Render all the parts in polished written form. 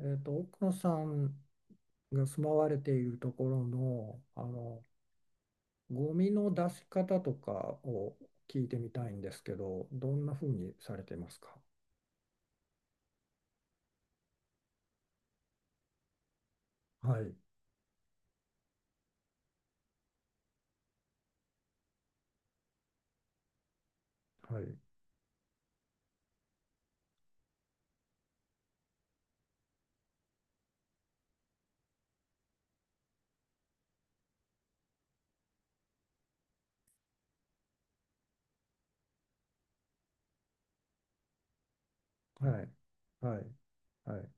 奥野さんが住まわれているところの、ゴミの出し方とかを聞いてみたいんですけど、どんなふうにされてますか？はい。はい。はい。はい。はい。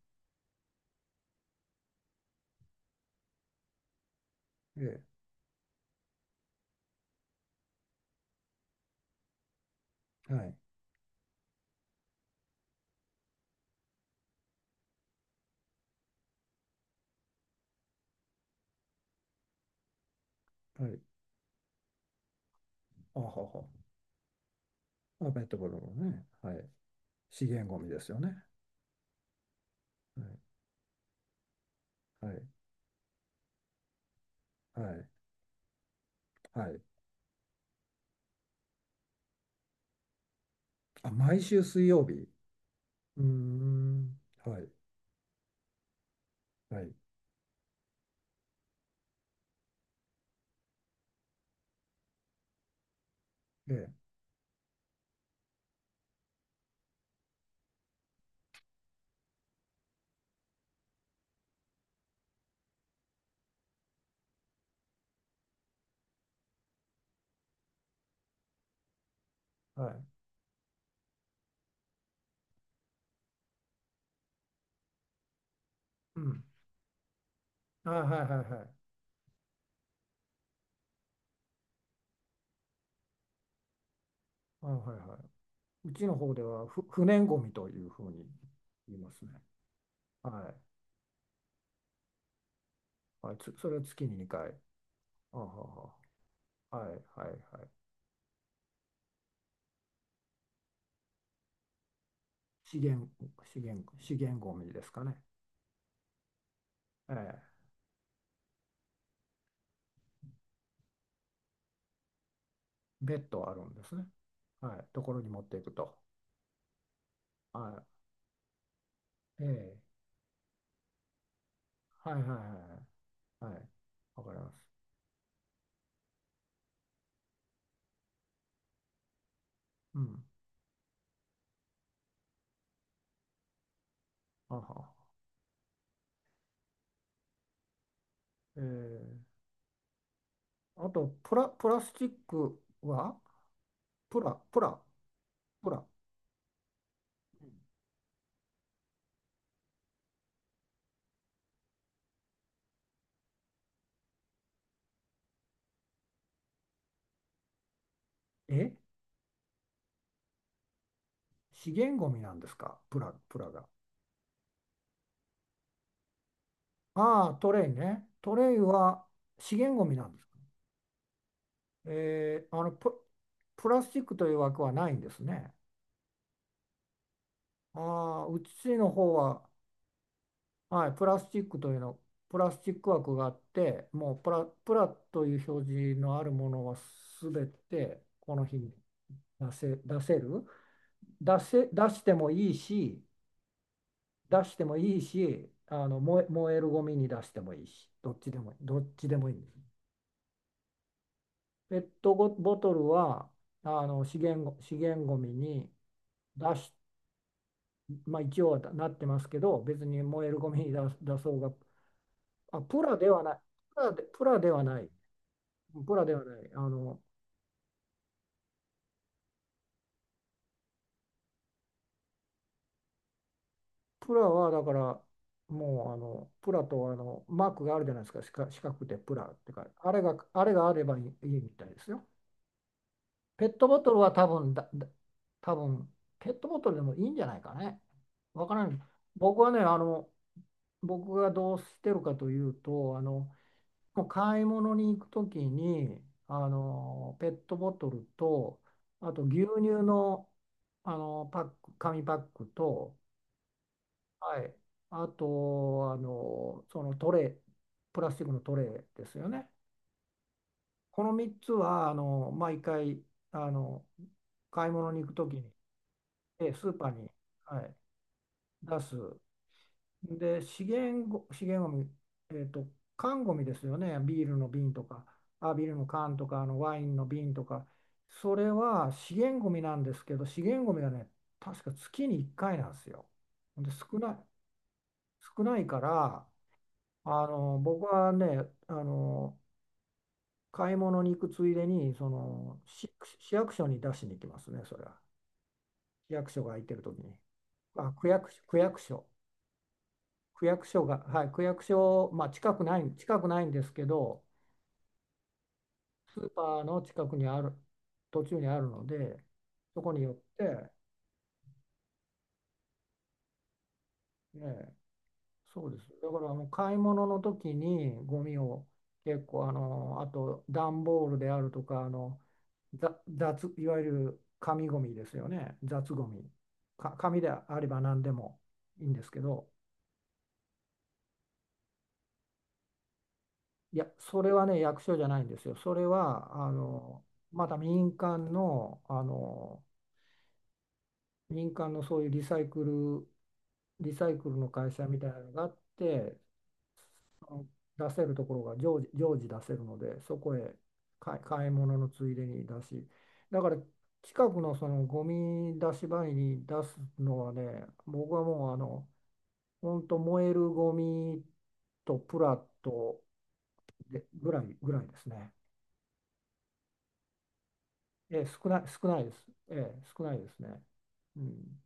ええ。はい。はい。あはは。あ、ペットボトルのね。はい、資源ゴミですよね。はい。はい。はい。はい。あ、毎週水曜日。うーん。はい。はい。ええ。はい。うん。あ、はい。はい。はい。あ、はいはい。うちの方では不燃ゴミというふうに言いますね。はい。はい、それは月に2回。あはは。はいはいはい。資源、資源ゴミですかね。ええ、別途あるんですね。はい。ところに持っていくと。はい。ええ。はいはいはいはい。はい。わかります。うん。あはは。ええ。あと、プラスチックはプラ、プラ、プラ。え資源ゴミなんですか、プラが？ああ、トレイね。トレイは資源ゴミなんですか？えー、あのプ、プラスチックという枠はないんですね。ああ、うちの方は、はい、プラスチックというの、プラスチック枠があって、もうプラという表示のあるものはすべてこの日に出せる。出せ、出してもいいし、出してもいいし、燃えるゴミに出してもいいし、どっちでもいいんです。ペットボボトルは資源ごみに出し、まあ、一応はなってますけど、別に燃えるごみに出出そうが、あ、プラで、プラではない、プラではない、プラはだから、もうプラとマークがあるじゃないですか、四角くてプラってか、あれがあればいい、いいみたいですよ。ペットボトルは多分ペットボトルでもいいんじゃないかね。わからない。僕はね、僕がどうしてるかというと、もう買い物に行くときに、ペットボトルと、あと牛乳の、パック、紙パックと、はい、あと、そのトレー、プラスチックのトレーですよね。この3つは、毎回、あの、買い物に行くときに、スーパーに、はい、出す。で、資源ゴミ、えっと、缶ゴミですよね、ビールの瓶とか、あ、ビールの缶とか、ワインの瓶とか、それは資源ゴミなんですけど、資源ゴミはね、確か月に1回なんですよ。で、少ないから、僕はね、買い物に行くついでに、市役所に出しに行きますね、それは。市役所が空いてる時に。あ、区役所。区役所が、はい、区役所、まあ、近くないんですけど、スーパーの近くにある、途中にあるので、そこに寄って、ええ、そうです。だから買い物の時にゴミを結構、あと段ボールであるとか、いわゆる紙ゴミですよね、雑ゴミ。紙であれば何でもいいんですけど、いや、それはね、役所じゃないんですよ。それは、また民間のそういうリサイクルの会社みたいなのがあって、その出せるところが常時出せるので、そこへ買い物のついでに出し、だから近くのそのゴミ出し場に出すのはね、僕はもう、本当燃えるゴミとプラとでぐらいですね。少ないです。少ないですね。うん、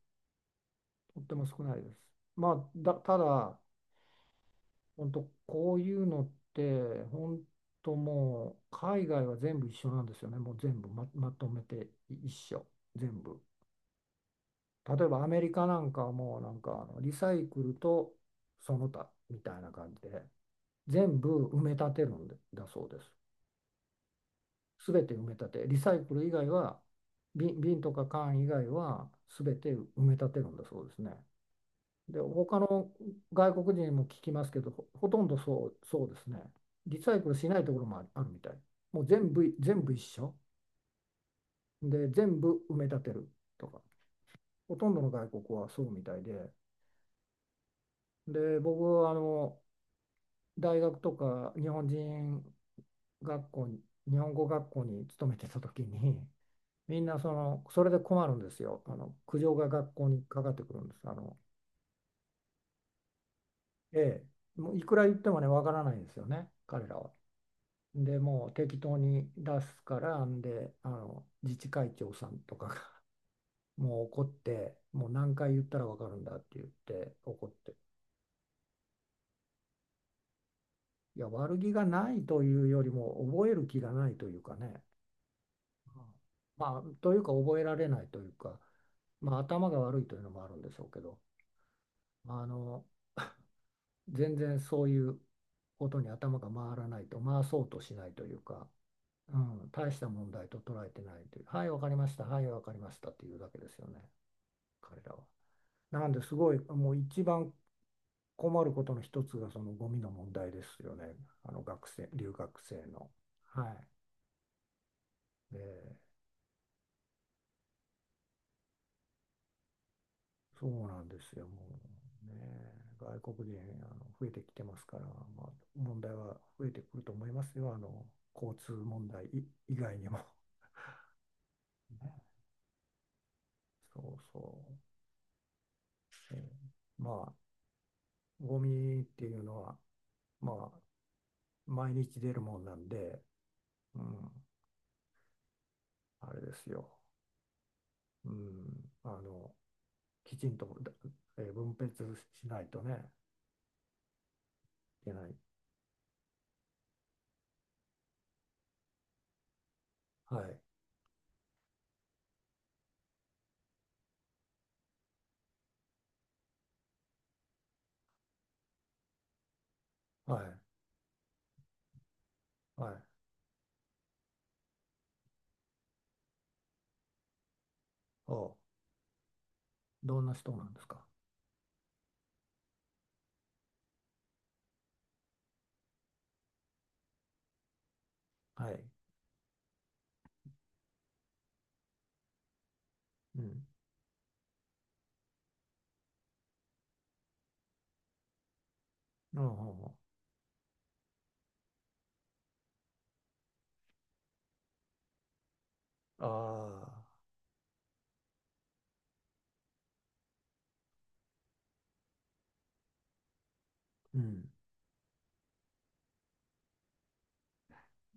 とっても少ないです。まあ、ただ、本当こういうのって、本当もう、海外は全部一緒なんですよね。もう全部まとめて一緒。全部。例えばアメリカなんかはもうなんかリサイクルとその他みたいな感じで全部埋め立てるんでだそうです。全て埋め立て、リサイクル以外は、瓶とか缶以外は全て埋め立てるんだそうですね。で、他の外国人にも聞きますけど、ほとんどそうですね。リサイクルしないところもあるみたい。もう全部一緒。で、全部埋め立てるとか、ほとんどの外国はそうみたいで、で、僕は大学とか学校に、日本語学校に勤めてた時に、みんなその、それで困るんですよ。苦情が学校にかかってくるんです。ええ、もういくら言ってもね、わからないんですよね、彼らは。で、もう適当に出すから、んで、自治会長さんとかが もう怒って、もう何回言ったらわかるんだって言って怒って。いや、悪気がないというよりも、覚える気がないというかね。うん、まあ、というか、覚えられないというか、まあ、頭が悪いというのもあるんでしょうけど、あの、全然そういうことに頭が回らないと、回そうとしないというか、うん、大した問題と捉えてないという、はい、わかりました、はい、わかりましたっていうだけですよね、彼らは。なんですごい、もう一番困ることの一つがそのゴミの問題ですよね、留学生の。はい。で、そうなんですよ、もうね、外国人増えてきてますから、まあ、問題は増えてくると思いますよ、交通問題以外にも。ね、そうそう。ええ、まあ、ゴミっていうのは、まあ、毎日出るもんなんで、うん、あれですよ。うん、きちんと、分別しないとね、いけない。はい。はい。はい。お、どんな人なんですか？はい。うん。うん。うん。ああー。うん。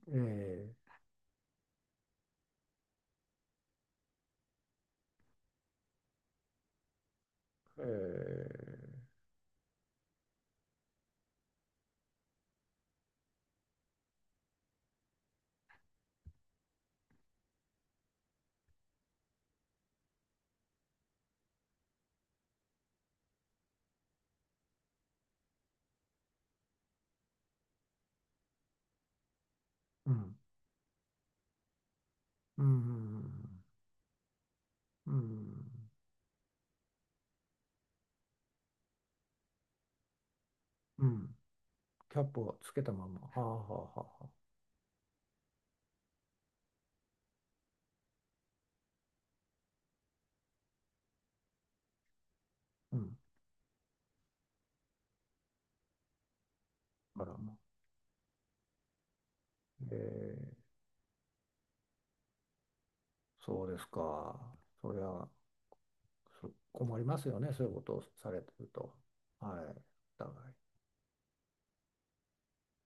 えー。えー。うん。うん。うん。うん。うん。うんキャップをつけたまま。はあはあはあはあ。うん。あらま。えー、そうですか。そりゃ、困りますよね。そういうことをされてると。はい。お互い